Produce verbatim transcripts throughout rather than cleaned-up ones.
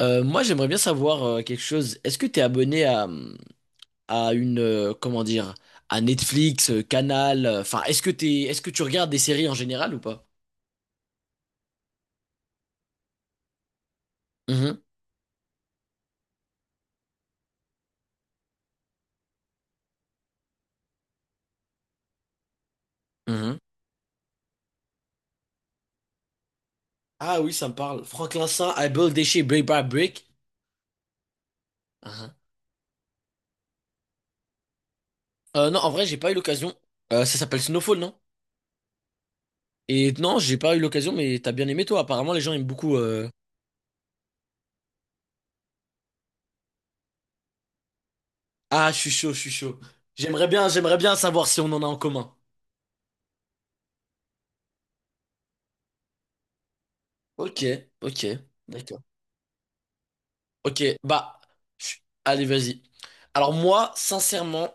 Euh, moi, j'aimerais bien savoir euh, quelque chose. Est-ce que tu es abonné à, à une, euh, comment dire, à Netflix, euh, Canal, euh, enfin, est-ce que t'es, est-ce que tu regardes des séries en général ou pas? Mhm, mhm. Ah oui, ça me parle. Franck Vincent, I Build Déchet, Brick by Brick. Mhm. Euh, non, en vrai, j'ai pas eu l'occasion. Euh, ça s'appelle Snowfall, non? Et non, j'ai pas eu l'occasion, mais t'as bien aimé toi. Apparemment, les gens aiment beaucoup. euh. Ah, je suis chaud, je suis chaud. J'aimerais bien, j'aimerais bien savoir si on en a en commun. Ok, ok, d'accord. Ok, bah, chut, allez, vas-y. Alors moi, sincèrement,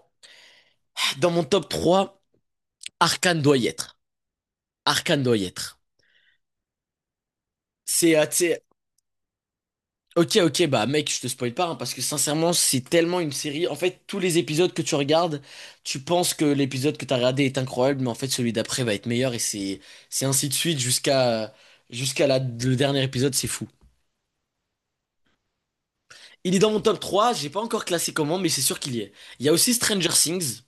dans mon top trois, Arcane doit y être. Arcane doit y être. C'est, euh, tu sais, ok, ok, bah mec, je te spoil pas, hein, parce que sincèrement, c'est tellement une série. En fait, tous les épisodes que tu regardes, tu penses que l'épisode que t'as regardé est incroyable, mais en fait, celui d'après va être meilleur, et c'est, c'est ainsi de suite jusqu'à, jusqu'à la- le dernier épisode, c'est fou. Il est dans mon top trois. J'ai pas encore classé comment, mais c'est sûr qu'il y est. Il y a aussi Stranger Things,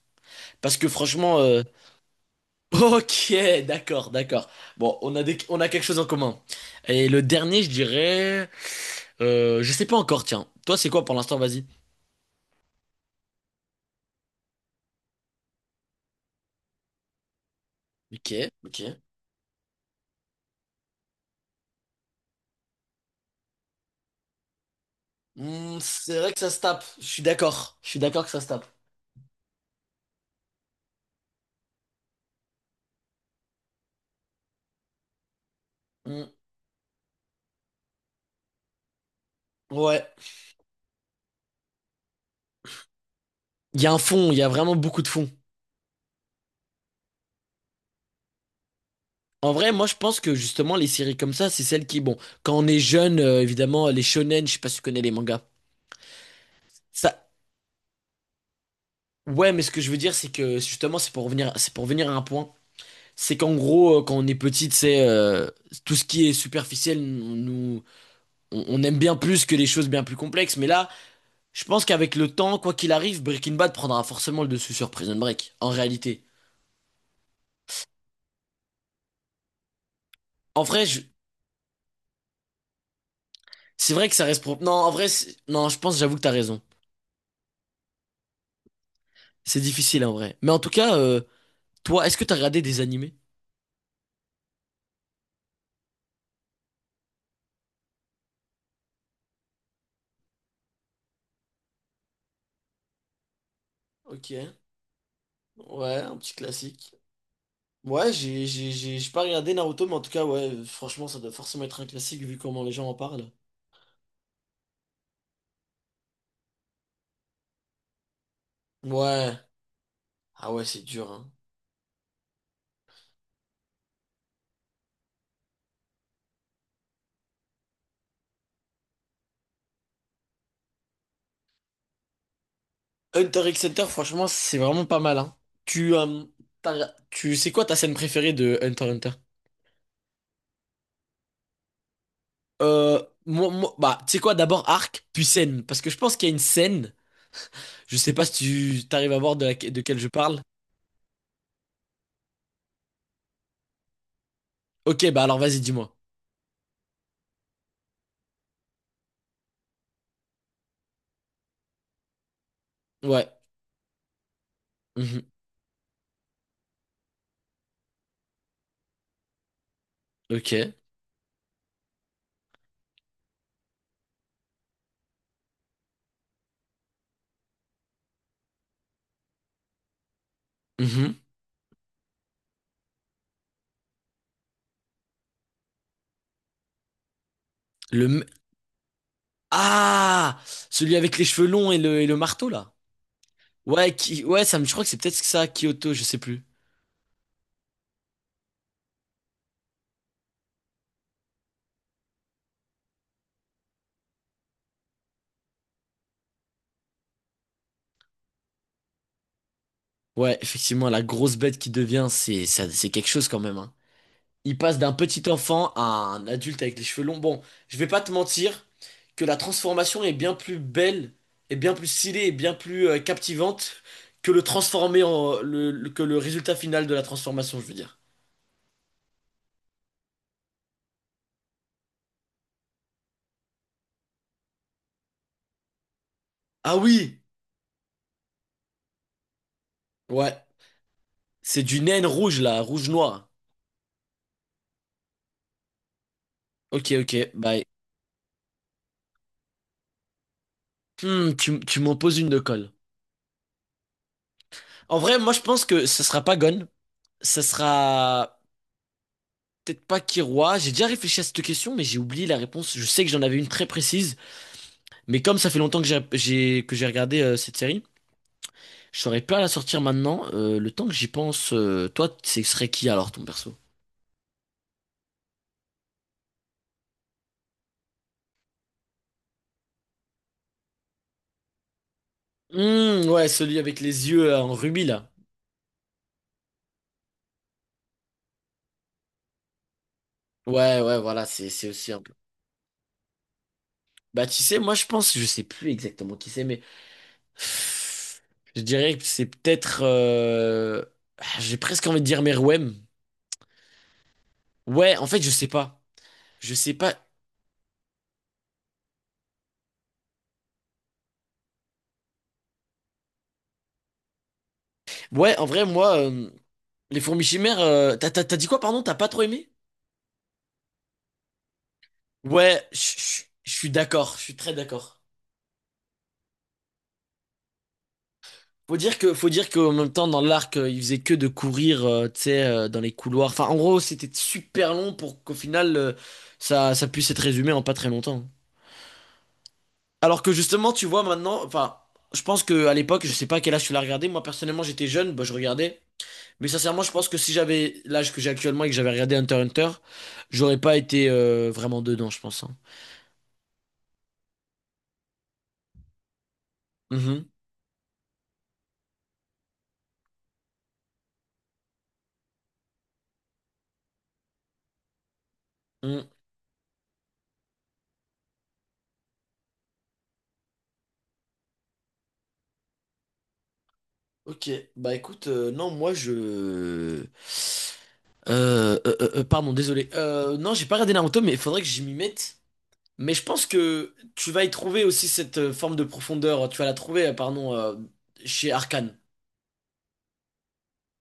parce que franchement. euh, Ok, d'accord, d'accord. Bon, on a des, on a quelque chose en commun. Et le dernier, je dirais, euh, je sais pas encore. Tiens, toi, c'est quoi pour l'instant? Vas-y. Ok, ok. Hmm, c'est vrai que ça se tape. Je suis d'accord. Je suis d'accord que ça se tape. Hmm, ouais. Il y a un fond. Il y a vraiment beaucoup de fond. En vrai, moi, je pense que justement, les séries comme ça, c'est celles qui, bon, quand on est jeune, euh, évidemment, les shonen. Je sais pas si tu connais les mangas. Ça. Ouais, mais ce que je veux dire, c'est que justement, c'est pour revenir, c'est pour venir à un point. C'est qu'en gros, euh, quand on est petit, c'est euh, tout ce qui est superficiel, on nous, on, on aime bien plus que les choses bien plus complexes. Mais là, je pense qu'avec le temps, quoi qu'il arrive, Breaking Bad prendra forcément le dessus sur Prison Break. En réalité, en vrai, je- c'est vrai que ça reste propre. Non, en vrai, c'est- non, je pense, j'avoue que t'as raison. C'est difficile en vrai. Mais en tout cas, euh, toi, est-ce que t'as regardé des animés? Ok, ouais, un petit classique. Ouais, j'ai j'ai- j'ai- j'ai pas regardé Naruto, mais en tout cas, ouais, franchement, ça doit forcément être un classique vu comment les gens en parlent. Ouais. Ah ouais, c'est dur, hein. Hunter x Hunter, franchement, c'est vraiment pas mal, hein. Tu, euh, t'as- tu, c'est quoi ta scène préférée de Hunter x Hunter? Euh, moi, moi- bah, tu sais quoi, d'abord arc, puis scène. Parce que je pense qu'il y a une scène, je sais pas si tu t'arrives à voir de, laquelle- de quelle je parle. Ok, bah alors vas-y, dis-moi. Ouais. Mhm. Ok. Mhm. Le... m- Ah! Celui avec les cheveux longs et le, et le marteau, là. Ouais, qui... ouais, ça me... je crois que c'est peut-être ça, Kyoto, je sais plus. Ouais, effectivement, la grosse bête qui devient, c'est ça- c'est quelque chose quand même, hein. Il passe d'un petit enfant à un adulte avec les cheveux longs. Bon, je vais pas te mentir que la transformation est bien plus belle, est bien plus stylée, et bien plus euh, captivante que le transformer en, le, le- que le résultat final de la transformation, je veux dire. Ah oui! Ouais. C'est du naine rouge là, rouge-noir. Ok, ok, bye. Hmm, tu, tu m'en poses une de colle. En vrai, moi je pense que ça sera pas Gon. Ça sera peut-être pas Kiroi. J'ai déjà réfléchi à cette question, mais j'ai oublié la réponse. Je sais que j'en avais une très précise. Mais comme ça fait longtemps que j'ai j'ai- que j'ai regardé euh, cette série, je saurais pas la sortir maintenant. Euh, le temps que j'y pense, euh, toi, ce serait qui alors ton perso? Hmm, ouais, celui avec les yeux euh, en rubis là. Ouais, ouais, voilà, c'est c'est aussi un peu. Bah tu sais, moi je pense, je sais plus exactement qui c'est, mais je dirais que c'est peut-être. euh, J'ai presque envie de dire Meruem. Ouais, en fait, je sais pas. Je sais pas. Ouais, en vrai, moi, euh, les fourmis chimères. euh, T'as t'as- t'as dit quoi, pardon? T'as pas trop aimé? Ouais, je je- je suis d'accord, je suis très d'accord. Faut dire que, faut dire qu'en même temps, dans l'arc, euh, il faisait que de courir, euh, tu sais, euh, dans les couloirs. Enfin, en gros, c'était super long pour qu'au final, euh, ça, ça puisse être résumé en pas très longtemps. Alors que justement, tu vois, maintenant, enfin, je pense que à l'époque, je sais pas à quel âge tu l'as regardé. Moi, personnellement, j'étais jeune, bah, je regardais. Mais sincèrement, je pense que si j'avais l'âge que j'ai actuellement et que j'avais regardé Hunter x Hunter, j'aurais pas été euh, vraiment dedans, je pense, hein. Mhm. Ok, bah écoute, euh, non, moi je... Euh, euh, euh, euh, pardon, désolé. Euh, non, j'ai pas regardé Naruto, mais il faudrait que j'y m'y mette. Mais je pense que tu vas y trouver aussi cette euh, forme de profondeur. Tu vas la trouver, euh, pardon, euh, chez Arcane.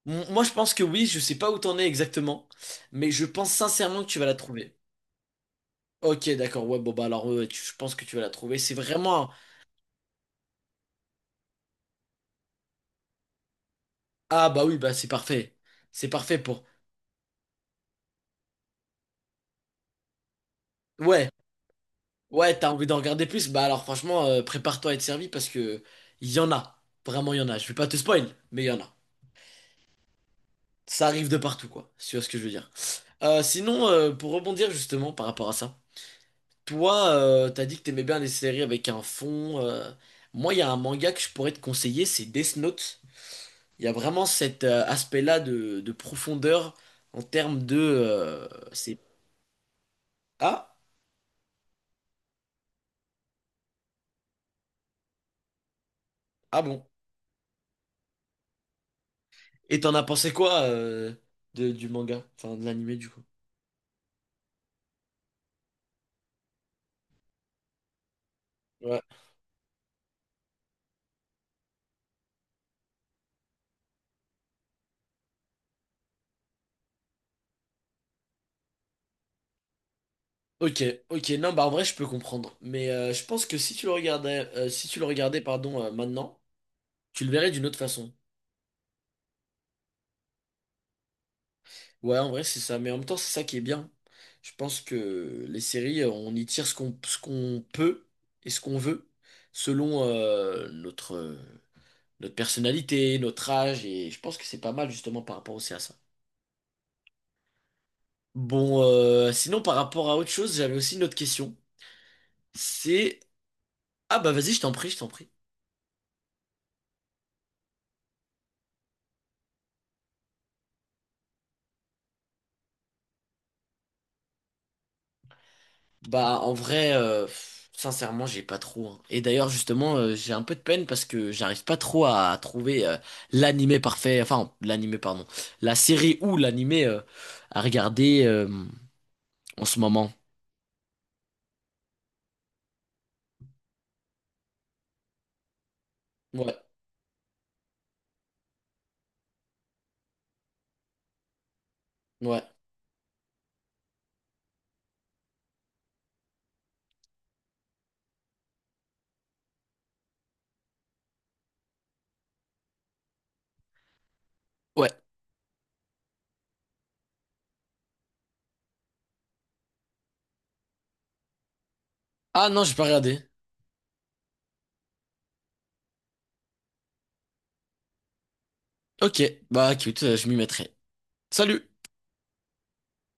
M- moi, je pense que oui, je sais pas où t'en es exactement, mais je pense sincèrement que tu vas la trouver. Ok, d'accord, ouais, bon, bah alors, ouais, tu- je pense que tu vas la trouver. C'est vraiment. un- Ah, bah oui, bah c'est parfait. C'est parfait pour. Ouais. Ouais, t'as envie d'en regarder plus? Bah alors franchement, euh, prépare-toi à être servi parce que il y en a. Vraiment, il y en a. Je vais pas te spoil, mais il y en a. Ça arrive de partout, quoi. Si tu vois ce que je veux dire. Euh, sinon, euh, pour rebondir justement par rapport à ça, toi, euh, t'as dit que t'aimais bien les séries avec un fond. euh, Moi, il y a un manga que je pourrais te conseiller, c'est Death Note. Il y a vraiment cet euh, aspect-là de, de profondeur en termes de. euh, C'est. Ah? Ah bon. Et t'en as pensé quoi euh, de- du manga? Enfin, de l'animé, du coup. Ok, ok, non, bah en vrai, je peux comprendre. Mais euh, je pense que si tu le regardais, euh, si tu le regardais, pardon, euh, maintenant, tu le verrais d'une autre façon. Ouais, en vrai, c'est ça. Mais en même temps, c'est ça qui est bien. Je pense que les séries, euh, on y tire ce qu'on ce qu'on peut et ce qu'on veut selon euh, notre, euh, notre personnalité, notre âge. Et je pense que c'est pas mal justement par rapport aussi à ça. Bon, euh, sinon, par rapport à autre chose, j'avais aussi une autre question. C'est. Ah bah vas-y, je t'en prie, je t'en prie. Bah en vrai, euh, pff, sincèrement, j'ai pas trop, hein. Et d'ailleurs, justement, euh, j'ai un peu de peine parce que j'arrive pas trop à trouver euh, l'animé parfait, enfin l'animé, pardon, la série ou l'animé euh, à regarder euh, en ce moment. Ouais, ouais, ouais. Ah non, j'ai pas regardé. Ok, bah écoute, euh, je m'y mettrai. Salut!